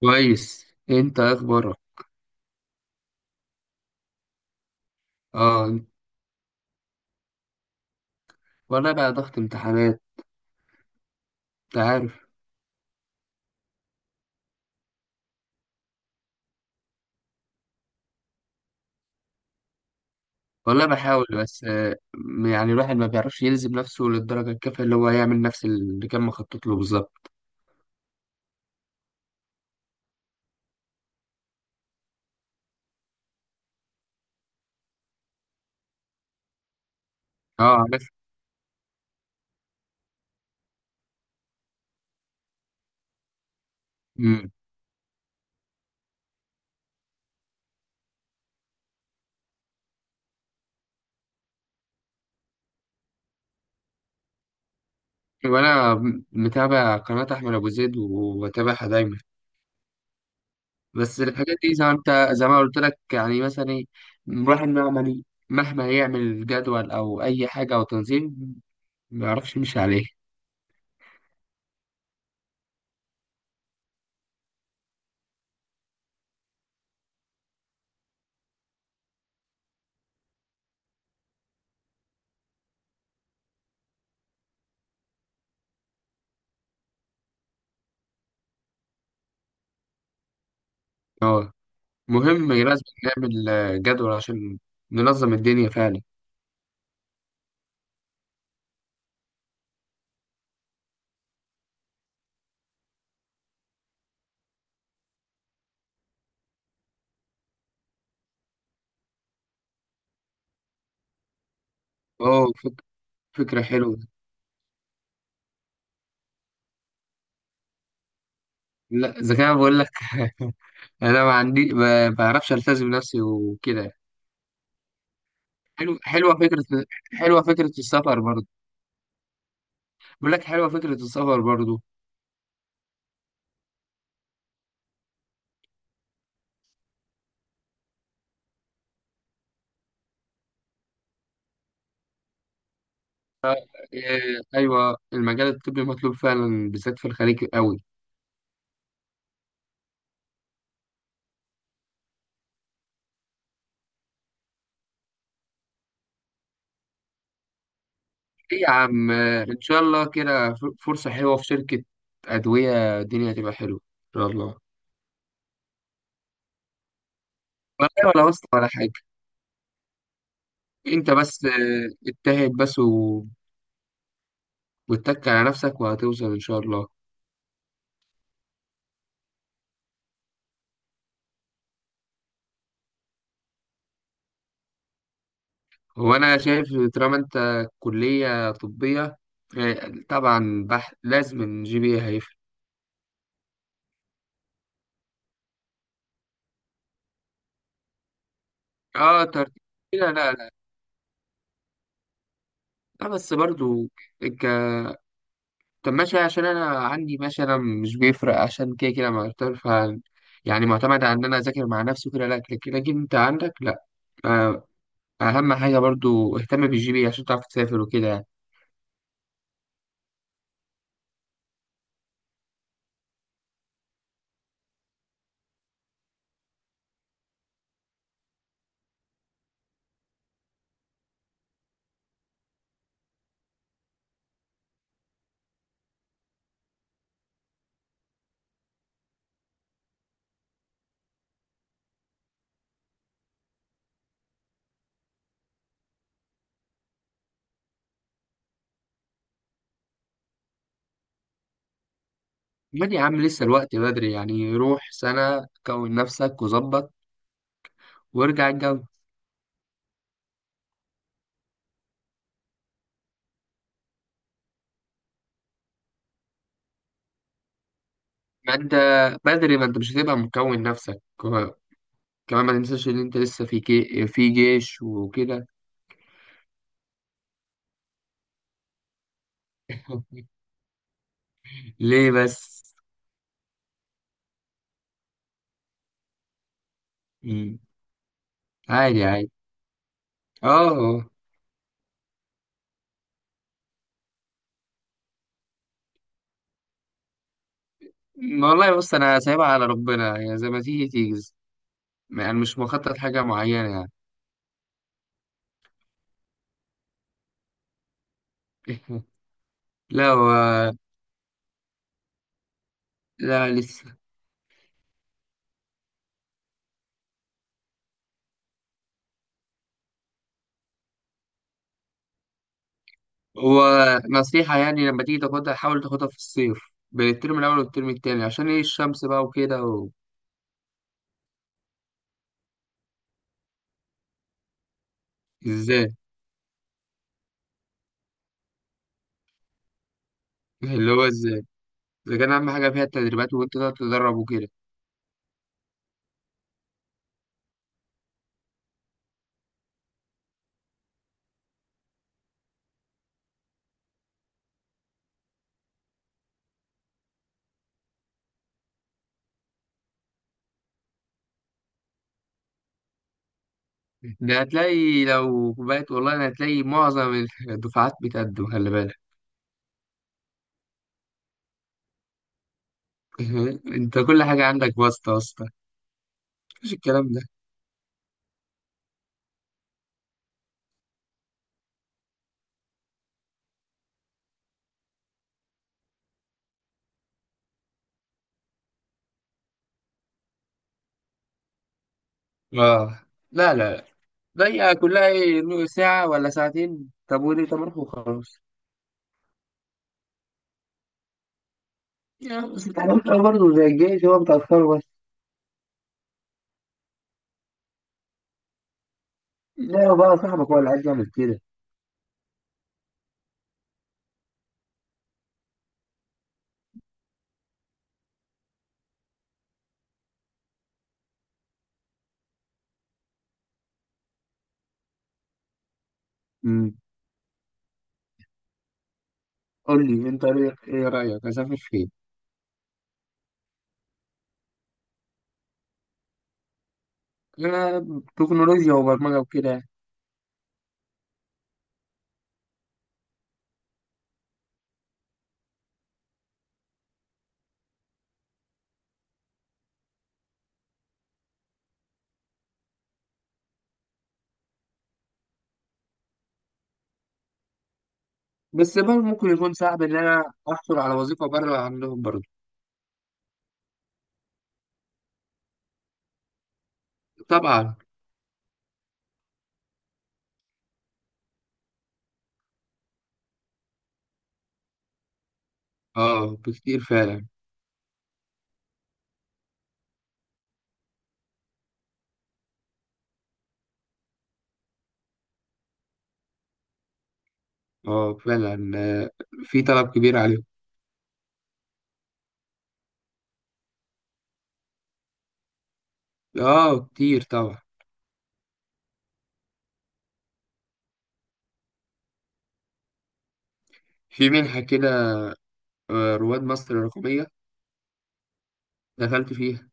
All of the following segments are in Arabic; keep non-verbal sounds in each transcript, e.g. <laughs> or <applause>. كويس. انت إيه اخبارك؟ اه. والله بقى ضغط امتحانات. انت عارف. والله بحاول، بس يعني الواحد ما بيعرفش يلزم نفسه للدرجة الكافية اللي هو يعمل نفس اللي كان مخطط له بالظبط. اه، عارف. مم. وانا متابع قناة احمد ابو زيد وبتابعها دايما. بس الحاجات دي زي ما قلت لك، يعني مثلا ايه، الواحد مهما يعمل جدول او اي حاجة او تنظيم، ما يعرفش يمشي عليه. اه، مهم لازم نعمل جدول عشان ننظم الدنيا فعلا. اه، فكرة حلوة. لا، إذا كان بقول لك <laughs> أنا ما بعرفش ألتزم نفسي وكده. حلوة فكرة. حلوة فكرة السفر برضه. بقول لك، حلوة فكرة السفر برضه. إيه، أيوة المجال الطبي مطلوب فعلا، بالذات في الخليج قوي. إيه يا عم، إن شاء الله كده فرصة حلوة في شركة أدوية، الدنيا هتبقى حلوة إن شاء الله. ولا ولا واسطة ولا حاجة. انت بس اجتهد، بس واتك على نفسك وهتوصل ان شاء الله. هو انا شايف، طالما انت كلية طبية، طبعا لازم الـGPA هيفرق. اه، ترتيب. لا لا لا. لا بس برضو ك... طب ماشي، عشان انا عندي ماشي، انا مش بيفرق عشان كده يعني معتمد على ان انا اذاكر مع نفسي وكده. لا، لكن انت عندك. لا، آه، اهم حاجة برضو اهتم بالـGPA عشان تعرف تسافر وكده يعني. امال يا عم لسه الوقت بدري يعني، روح سنة كون نفسك وظبط وارجع الجو. ما انت ما انت مش هتبقى مكون نفسك كمان ما تنساش ان انت لسه في في جيش وكده. <laughs> ليه بس؟ مم. عادي، عادي. اه. ما والله بص، انا سايبها على ربنا، يعني زي ما تيجي تيجي. يعني مش مخطط حاجة معينة يعني. <laughs> لا لا لسه. ونصيحة يعني، لما تيجي تاخدها حاول تاخدها في الصيف، بين الترم الأول والترم التاني، عشان إيه الشمس بقى وكده إزاي؟ <laughs> اللي هو إزاي، إذا كان أهم حاجة فيها التدريبات، وأنت تقعد تدرب وكده. ده هتلاقي لو بقيت والله أنا هتلاقي معظم الدفعات <laughs> بتقدم، خلي بالك. <laughs> أنت كل حاجة عندك واسطة واسطة. مفيش الكلام ده. آه. لا لا. لا، هي كلها إيه ساعة ولا ساعتين. طب وليه؟ طب روح وخلاص يعني. بس التعليم برضه زي الجيش، هو بتأخره. لا، هو بقى صاحبك هو اللي عايز يعمل كده. امم. قول لي انت ايه رايك، اسافر فين؟ انا تكنولوجيا وبرمجه وكده يعني. بس برضه ممكن يكون صعب ان انا احصل على وظيفه بره عندهم برضه. طبعا. اه، بكتير فعلا. اه فعلا، في طلب كبير عليهم. اه، كتير طبعا. في منحه كده رواد مصر الرقميه، دخلت فيها.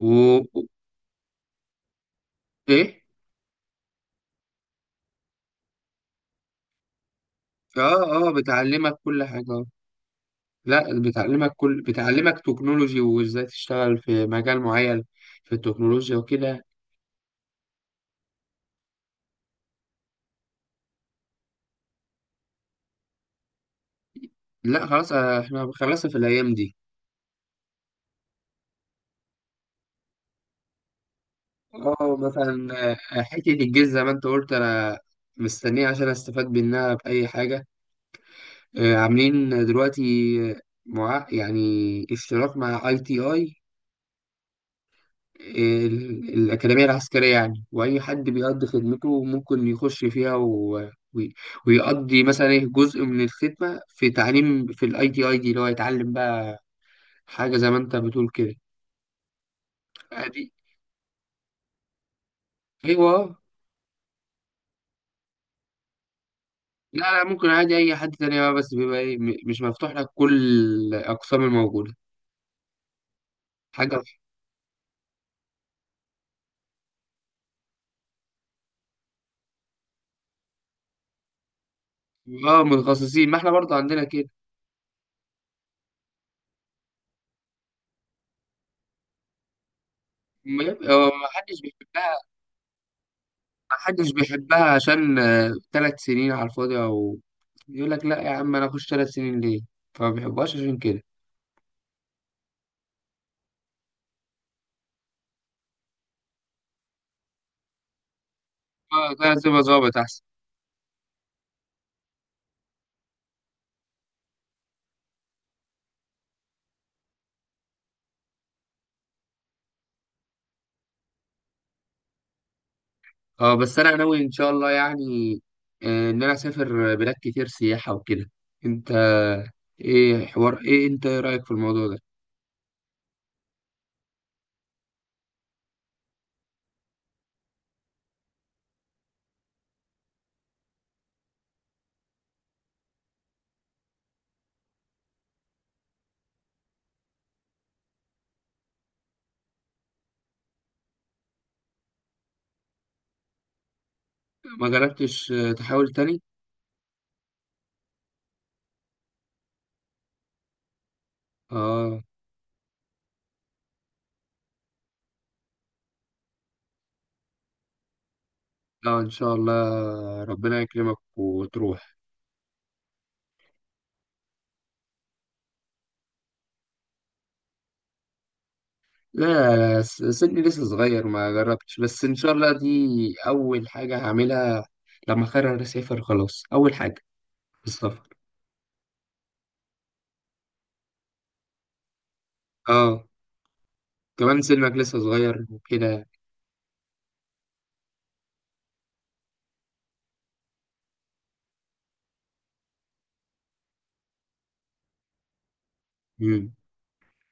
و و- ايه. اه، اه، بتعلمك كل حاجه. لا، بتعلمك تكنولوجي وازاي تشتغل في مجال معين في التكنولوجيا وكده. لا خلاص، احنا خلصنا في الايام دي. اه، مثلا حته الجيش زي ما انت قلت، انا مستنيه عشان استفاد منها باي حاجه. عاملين دلوقتي آه، مع يعني اشتراك مع ITI، الأكاديمية العسكرية يعني، وأي حد بيقضي خدمته ممكن يخش فيها و- ويقضي مثلا إيه جزء من الخدمة في تعليم، في الـITI دي، اللي هو يتعلم بقى حاجة زي ما أنت بتقول كده. عادي. أيوه، آه. لا لا، ممكن عادي أي حد تاني بقى، بس بيبقى إيه مش مفتوح لك كل الأقسام الموجودة. حاجة. اه، متخصصين، ما احنا برضه عندنا كده. ما يبقى- هو ما حدش بيحبها، محدش بيحبها، عشان 3 سنين على الفاضي، او يقول لك لا يا عم انا اخش 3 سنين ليه؟ فما بيحبوهاش عشان كده. اه، ده سيبها ظابط احسن. اه بس انا ناوي ان شاء الله يعني ان انا اسافر بلاد كتير سياحة وكده. انت، ايه حوار ايه انت ايه رايك في الموضوع ده؟ ما جربتش تحاول تاني. اه، لا ان شاء الله ربنا يكرمك وتروح. لا لا، سني لسه صغير، ما جربتش، بس ان شاء الله دي اول حاجه هعملها. لما اقرر اسافر خلاص، اول حاجه السفر. اه، كمان سنك لسه صغير وكده. مم.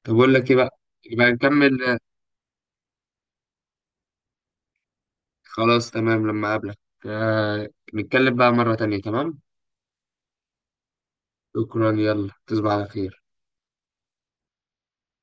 طب اقول لك ايه بقى، يبقى نكمل، خلاص تمام لما اقابلك آه نتكلم بقى مره تانية، تمام. شكرا، يلا تصبح على خير.